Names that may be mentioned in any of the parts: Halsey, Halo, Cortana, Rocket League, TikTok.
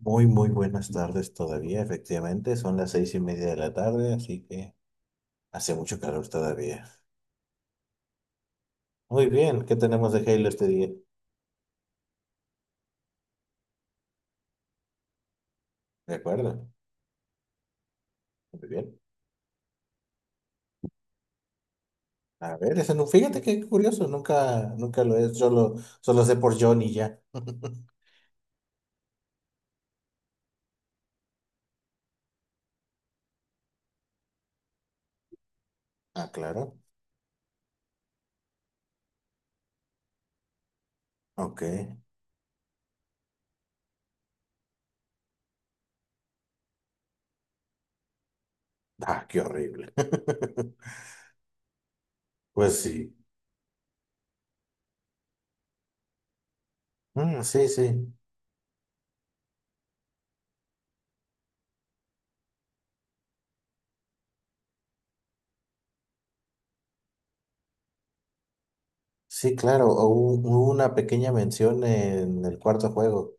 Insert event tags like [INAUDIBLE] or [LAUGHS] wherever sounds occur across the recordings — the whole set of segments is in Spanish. Muy buenas tardes todavía, efectivamente. Son las seis y media de la tarde, así que hace mucho calor todavía. Muy bien, ¿qué tenemos de Halo este día? De acuerdo, muy bien. A ver, ese no, fíjate qué curioso, nunca lo he, solo sé por Johnny ya. [LAUGHS] Ah, claro, ok. Ah, qué horrible. [LAUGHS] Pues sí, mm, sí, sí, sí, claro. Hubo una pequeña mención en el cuarto juego,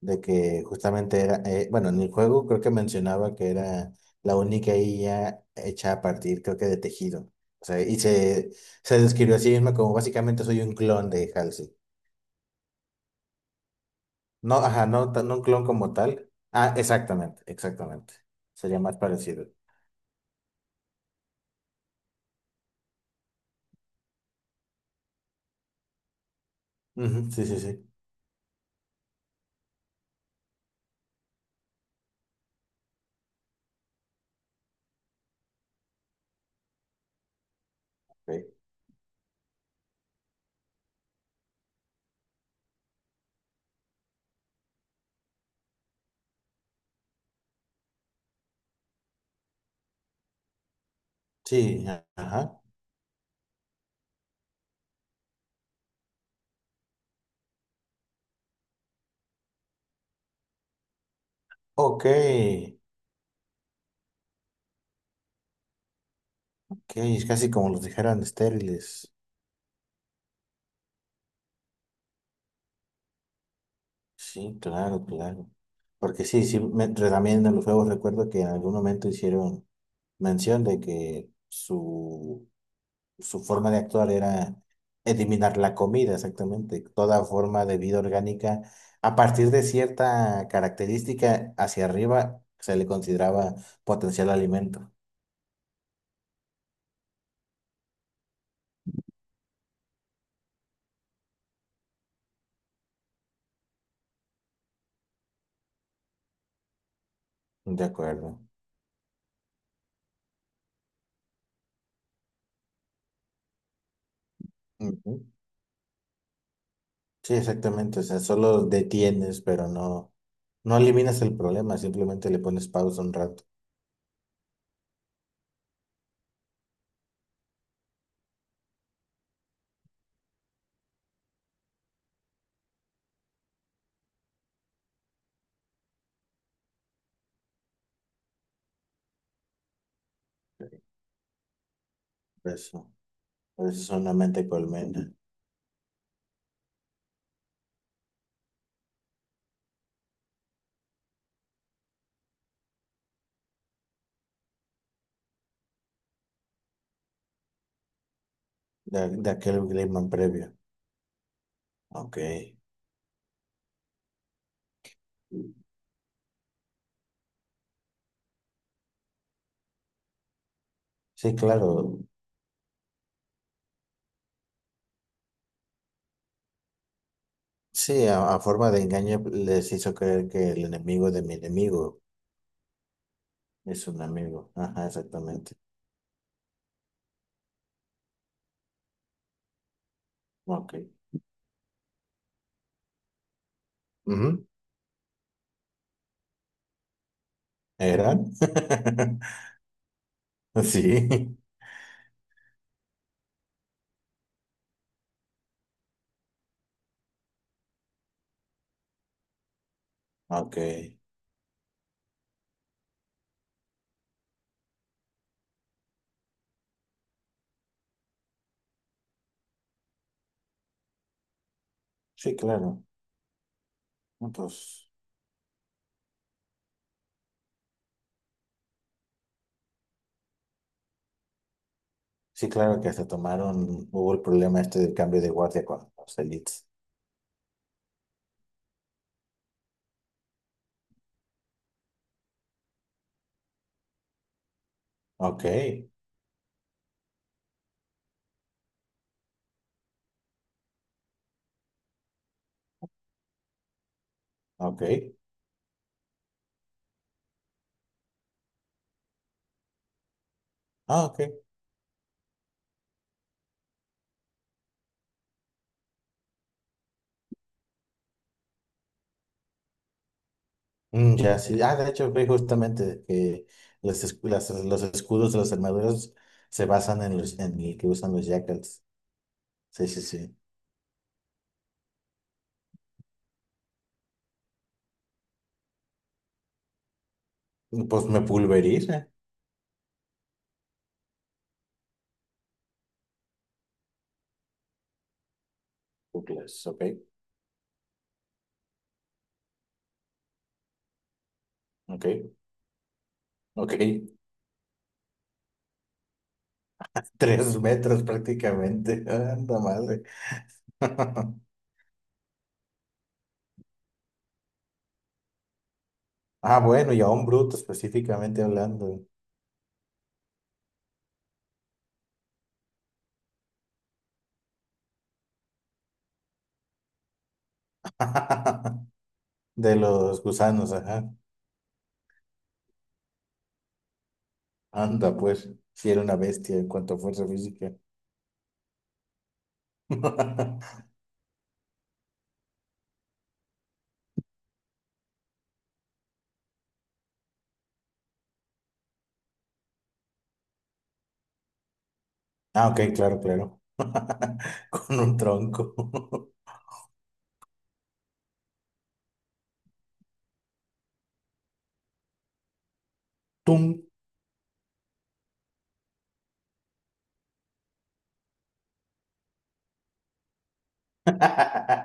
de que justamente era, bueno, en el juego creo que mencionaba que era la única IA hecha a partir, creo que de tejido. O sea, se describió a sí misma como básicamente soy un clon de Halsey. No, ajá, no, tan- no un clon como tal. Ah, exactamente, exactamente. Sería más parecido. Ujú, sí, sí, sí. Ok. Sí, a- ajá. Ok. Ok, es casi como los dejaran estériles. Sí, claro, claro. Porque sí, sí, me- re- también en los juegos recuerdo que en algún momento hicieron mención de que su forma de actuar era eliminar la comida, exactamente, toda forma de vida orgánica. A partir de cierta característica hacia arriba se le consideraba potencial alimento. De acuerdo. Ujú. Sí, exactamente. O sea, solo detienes, pero no, no eliminas el problema, simplemente le pones pausa un rato. Eso, eso es una mente colmena de aquel clima previo. Ok. Sí, claro. Sí, a forma de engaño les hizo creer que el enemigo de mi enemigo es un amigo. Ajá, exactamente. Ok. Ujú. ¿Eran? [LAUGHS] Sí. Ok. Sí, claro. No, pues, sí, claro que hasta tomaron, hubo el problema este del cambio de guardia con los elites. Ok, ok. Ah, ok. Mm, ya, sí. Ah, de hecho, vi justamente que los, escu- las- los escudos de las armaduras se basan en los, en el que usan los jackals. Sí, sí, sí. Pues me pulveriza. Pues, ok, ok, ok. [LAUGHS] Tres metros prácticamente. [LAUGHS] Anda madre. [LAUGHS] Ah, bueno, y a un bruto específicamente hablando. [LAUGHS] De los gusanos, ajá. Anda, pues. Si era una bestia en cuanto a fuerza física. [LAUGHS] Ah, ok, claro, claro. [LAUGHS] Con un tronco. [LAUGHS] ¡Tum! [LAUGHS]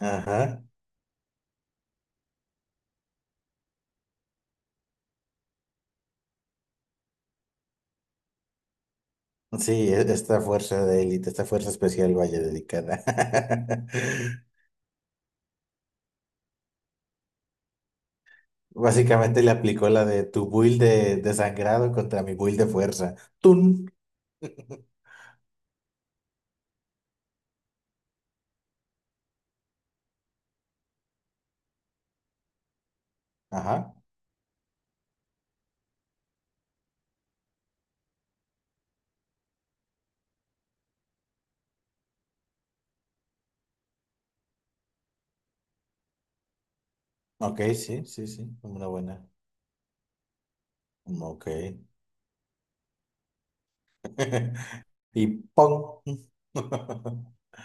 Ajá. Sí, e- esta fuerza de élite, esta fuerza especial, vaya dedicada. [LAUGHS] Básicamente le aplicó la de tu build de sangrado contra mi build de fuerza. ¡Tun! [LAUGHS] Ajá. Ok, sí, sí, sí. Una buena. Mm, ok. [LAUGHS] Y ¡pong! [LAUGHS]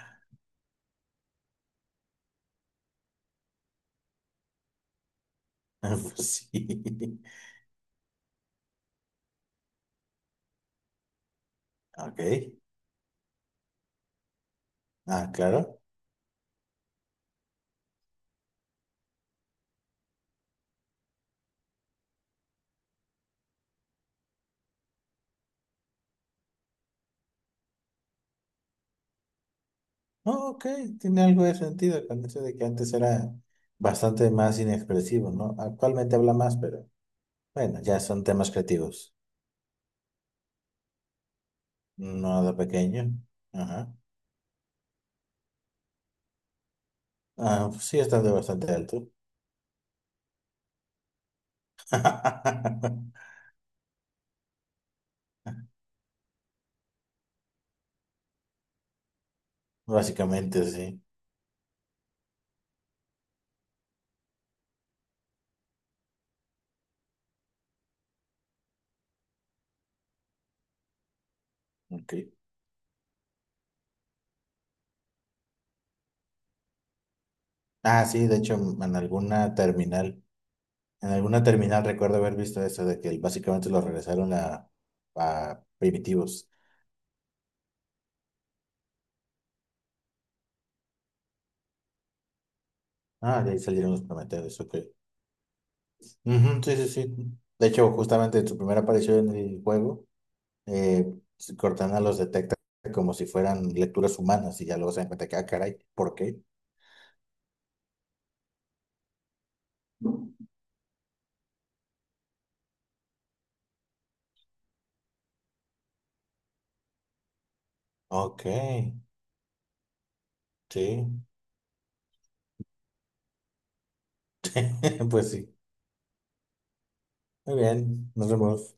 Pues sí. Ok. Ah, claro. Oh, ok, tiene algo de sentido con eso de que antes era bastante más inexpresivo, ¿no? Actualmente habla más, pero bueno, ya son temas creativos. No de pequeño. Ajá. Ah, pues sí, estando bastante alto. [LAUGHS] Básicamente, sí. Ok. Ah, sí, de hecho, en alguna terminal recuerdo haber visto eso de que básicamente lo regresaron a primitivos. Ah, de ahí salieron los prometedores, ok. Ujú, sí, sí, sí. De hecho, justamente en su primera aparición en el juego, eh, Cortana los detecta como si fueran lecturas humanas y ya luego se dan cuenta que, ah, caray, ¿por qué? Ok, sí. [LAUGHS] Pues sí. Muy bien. Nos vemos.